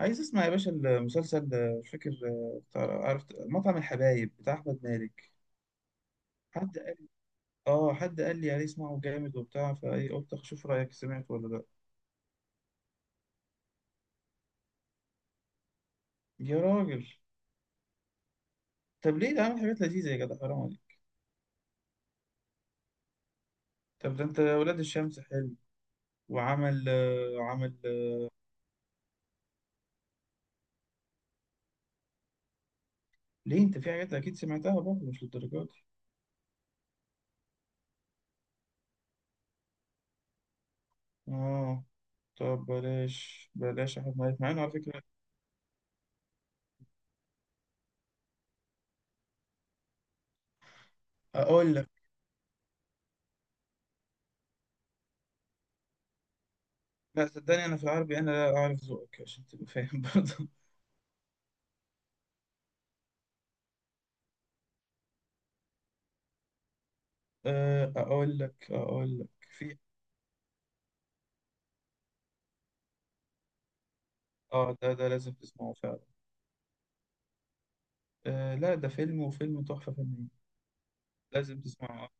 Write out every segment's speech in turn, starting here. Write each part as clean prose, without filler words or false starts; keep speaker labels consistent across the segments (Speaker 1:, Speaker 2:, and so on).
Speaker 1: عايز اسمع يا باشا المسلسل ده، مش فاكر عرفت مطعم الحبايب بتاع احمد مالك؟ حد قال؟ اه، حد قال لي عليه اسمعه جامد وبتاع فايه، قلت اشوف رايك، سمعت ولا لا؟ يا راجل. طب ليه؟ ده عامل حاجات لذيذه يا جدع، حرام عليك. طب ده انت ولاد الشمس حلو. وعمل آه، عمل آه، ليه؟ انت في حاجات اكيد سمعتها برضه، مش للدرجه دي. اه. طب بلاش بلاش احمد مالك، مع انه على فكره. اقول لك، لا صدقني، انا في العربي انا لا اعرف ذوقك عشان تبقى فاهم برضه. اقول لك في. اه، ده لازم تسمعه فعلا. آه لا، ده فيلم، وفيلم تحفة فنية. لازم تسمعه.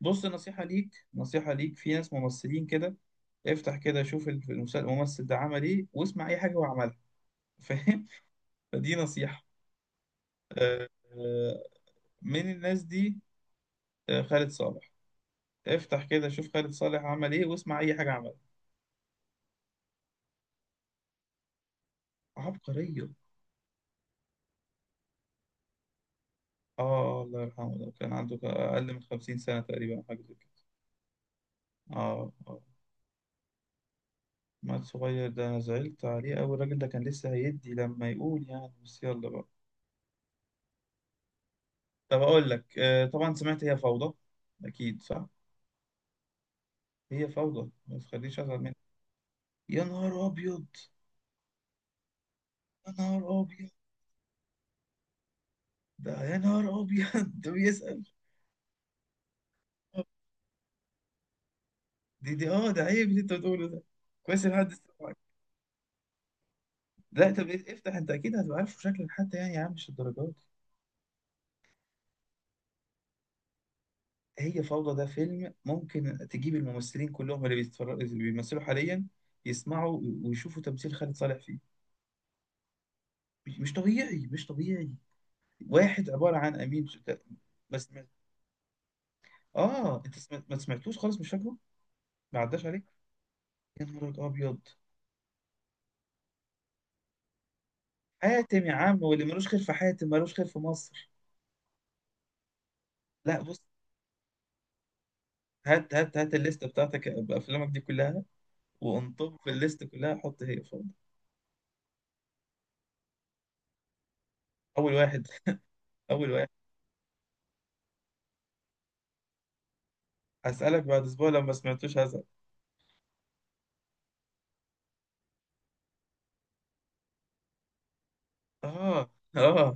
Speaker 1: بص، نصيحة ليك، نصيحة ليك، في ناس ممثلين كده، افتح كده شوف الممثل ده عمل ايه، واسمع اي حاجة هو عملها. فاهم؟ فدي نصيحة. آه آه، من الناس دي، خالد صالح. افتح كده شوف خالد صالح عمل ايه، واسمع اي حاجة عملها. عبقرية. اه، الله يرحمه، ده كان عنده اقل من 50 سنة تقريبا، حاجة زي كده. اه. مال صغير ده، انا زعلت عليه أوي، الراجل ده كان لسه هيدي لما يقول يعني، بس يلا بقى. طب اقول لك، طبعا سمعت هي فوضى. اكيد صح. هي فوضى، ما تخليش ازعل منها. يا نهار ابيض. يا نهار ابيض. ده يا نهار ابيض. ده بيسأل. دي، اه، ده عيب اللي انت بتقوله ده. كويس ان حد سمعك. لا طب، افتح. انت اكيد هتبقى عارفه شكلا حتى، يعني يا عم مش الدرجات دي. هي فوضى ده فيلم، ممكن تجيب الممثلين كلهم اللي بيتفرجوا اللي بيمثلوا حاليا، يسمعوا ويشوفوا تمثيل خالد صالح فيه. مش طبيعي، مش طبيعي. واحد عبارة عن أمين ما سمعت. ما سمعتوش خالص، مش فاكره. ما عداش عليك. يا نهار أبيض. حاتم يا عم، واللي ملوش خير في حاتم ملوش خير في مصر. لا بص، هات هات هات الليست بتاعتك بأفلامك دي كلها، وانطب في الليست كلها، حط هي فوق. أول واحد. أول واحد. هسألك بعد أسبوع لو ما سمعتوش هزعل. آه آه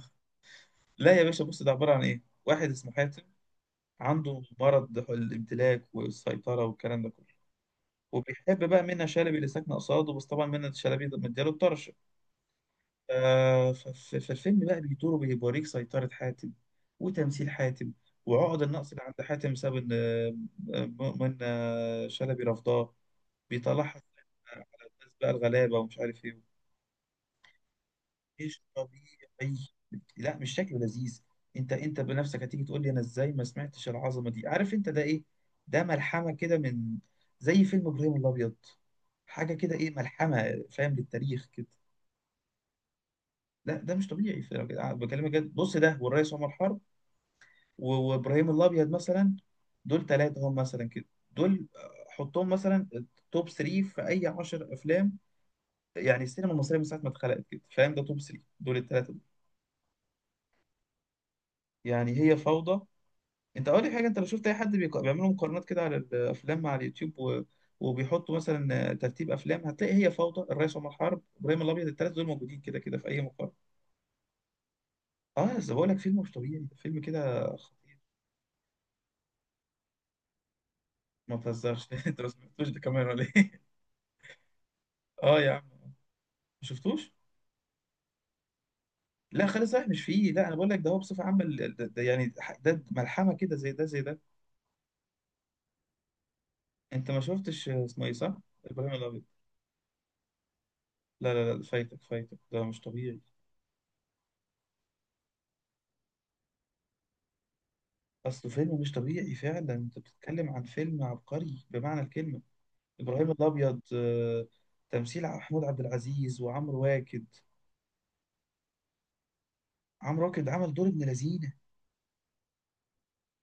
Speaker 1: لا يا باشا، بص ده عبارة عن واحد اسمه حاتم، عنده مرض الامتلاك والسيطرة والكلام ده كله، وبيحب بقى منة شلبي اللي ساكنه قصاده، بس طبعا منة شلبي مدياله الطرش. في الفيلم بقى بيدور وبيوريك سيطره حاتم، وتمثيل حاتم، وعقد النقص اللي عند حاتم بسبب ان منة شلبي رفضاه، بيطلعها على الناس بقى الغلابه، ومش عارف ايه. مش طبيعي. لا مش شكله لذيذ. انت بنفسك هتيجي تقول لي انا ازاي ما سمعتش العظمه دي. عارف انت ده ايه؟ ده ملحمه كده، من زي فيلم ابراهيم الابيض، حاجه كده، ايه، ملحمه فاهم، للتاريخ كده. لا ده مش طبيعي بكلمك جد، بص، ده والريس عمر حرب و- وابراهيم الابيض مثلا، دول ثلاثه هم مثلا كده. دول حطهم مثلا توب 3 في اي 10 افلام، يعني السينما المصريه من ساعه ما اتخلقت كده فاهم، ده توب 3 دول الثلاثه دول. يعني هي فوضى. انت اقول لك حاجه، انت لو شفت اي حد بيعملوا مقارنات كده على الافلام على اليوتيوب و... وبيحطوا مثلا ترتيب افلام، هتلاقي هي فوضى، الريس عمر حرب، ابراهيم الابيض، الثلاث دول موجودين كده كده في اي مقارنه. اه بس بقول لك، فيلم مش طبيعي، ده فيلم كده خطير. ما تهزرش. انت ما سمعتوش ده كمان ولا ايه؟ اه يا عم، ما شفتوش. لا خالد صالح مش فيه، لا انا بقول لك ده هو بصفه عامه، ده يعني، ده ملحمه كده، زي ده زي ده. انت ما شفتش اسمه ايه صح؟ ابراهيم الابيض. لا لا لا، فايتك فايتك، ده مش طبيعي. اصله فيلم مش طبيعي فعلا، انت بتتكلم عن فيلم عبقري بمعنى الكلمه. ابراهيم الابيض. تمثيل محمود عبد العزيز وعمرو واكد. عمرو واكد عمل دور ابن لذينه.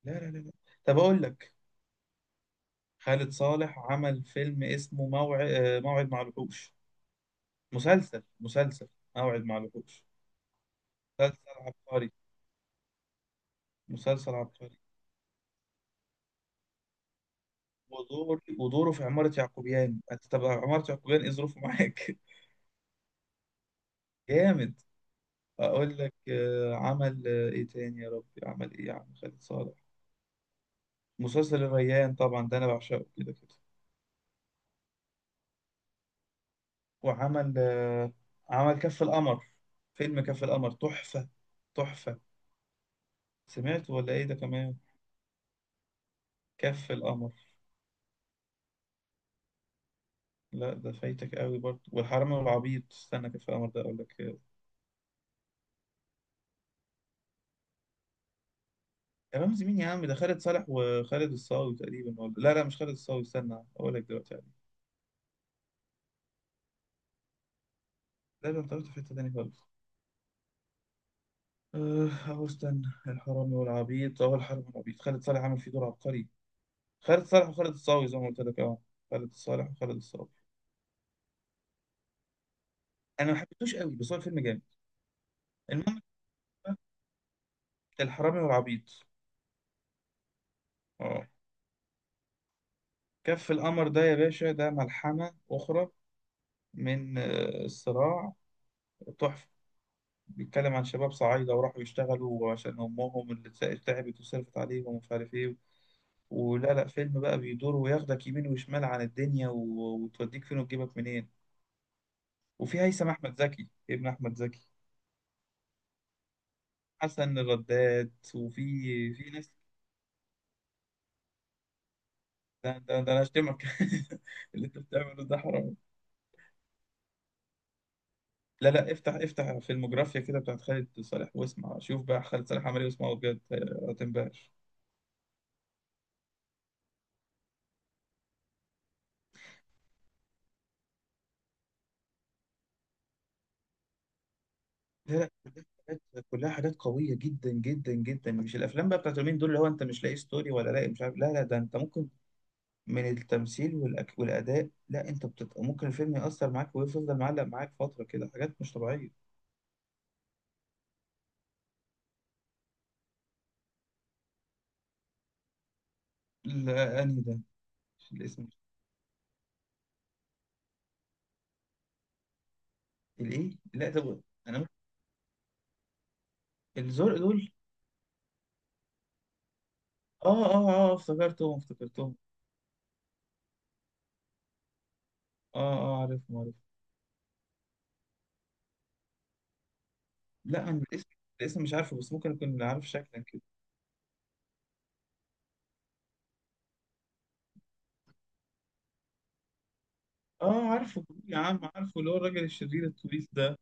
Speaker 1: لا لا لا لا. طب اقول لك، خالد صالح عمل فيلم اسمه موعد مع الوحوش. مسلسل. موعد مع الوحوش. مسلسل عبقري. مسلسل عبقري. ودوره في عمارة يعقوبيان، انت طب عمارة يعقوبيان ايه ظروفه معاك؟ جامد. اقول لك، عمل، ايه تاني يا ربي؟ عمل ايه يا عم خالد صالح؟ مسلسل الريان طبعا، ده انا بعشقه كده كده. وعمل آه، عمل كف القمر. فيلم كف القمر تحفة. تحفة. سمعت ولا ايه ده كمان؟ كف القمر. لا ده فايتك قوي برضه، والحرامي والعبيط، استنى، كف القمر ده اقول لك. يا رمزي مين يا عم؟ ده خالد صالح وخالد الصاوي تقريبا، ولا لا لا مش خالد الصاوي، استنى اقول لك دلوقتي عليه. لا ده انت رحت في حتة تانية خالص. أهو استنى. الحرامي والعبيط، أهو الحرامي والعبيط، خالد صالح عامل فيه دور عبقري، خالد صالح وخالد الصاوي زي ما قلت لك. أه. خالد صالح وخالد الصاوي. أنا ما حبيتوش قوي، بس هو الفيلم جامد. المهم، الحرامي والعبيط. أه. كف القمر ده يا باشا، ده ملحمة أخرى من الصراع. تحفة. بيتكلم عن شباب صعايدة، وراحوا يشتغلوا عشان أمهم اللي تعبت تعبت وصرفت عليهم، ومش عارف إيه، ولا لا فيلم بقى بيدور وياخدك يمين وشمال عن الدنيا و... وتوديك فين وتجيبك منين. وفي هيثم احمد زكي ابن احمد زكي، حسن الرداد، وفي في ناس. ده انا اشتمك. اللي انت بتعمله ده حرام. لا لا، افتح افتح فيلموجرافيا كده بتاعت خالد صالح، واسمع، شوف بقى خالد صالح عمل ايه، واسمعه بجد، هتنبهر. لا لا، كلها حاجات، كلها حاجات قوية جدا جدا جدا، مش الافلام بقى بتاعت اليومين دول، اللي هو انت مش لاقي ستوري ولا لاقي مش عارف، لا لا، ده انت ممكن من التمثيل والاداء، لا انت بتبقى ممكن الفيلم يأثر معاك ويفضل معلق معاك فترة كده، حاجات مش طبيعية. لا انهي ده؟ الاسم، الايه، لا طب، انا ممكن- الزرق دول. اه اه اه، افتكرتهم افتكرتهم. اه اه، عارفهم عارفهم. لا انا الاسم، الاسم مش عارفه، بس ممكن اكون عارف شكلا كده. اه، عارفه يا عم، عارفه، اللي هو الراجل الشرير الطويل ده.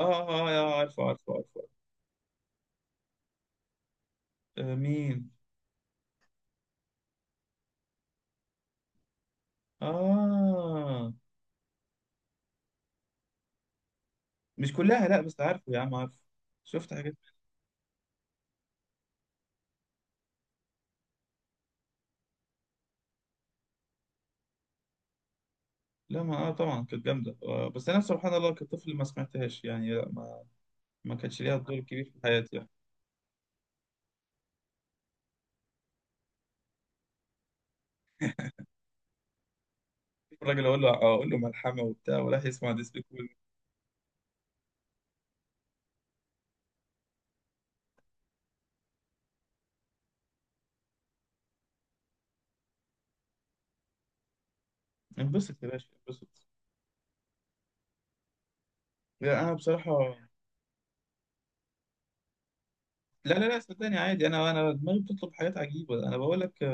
Speaker 1: اه اه اه، عارفه عارفه عارفه. مين؟ اه، مش كلها، لا بس عارفه يا عم، عارفه. شفت حاجات. لا ما اه طبعا كانت جامده، بس انا سبحان الله كطفل ما سمعتهاش، يعني لا ما ما كانش ليها دور كبير في حياتي. الراجل اقول له، اقول له ملحمه وبتاع، وراح يسمع ديسبيكول. انبسط يا باشا، انبسط. لا انا بصراحه. لا لا لا صدقني عادي، انا دماغي بتطلب حاجات عجيبه، انا بقول لك،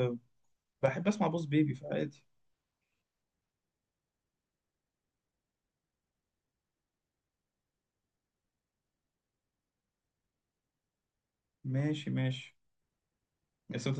Speaker 1: بحب اسمع بوس بيبي فعادي. ماشي ماشي. بس ما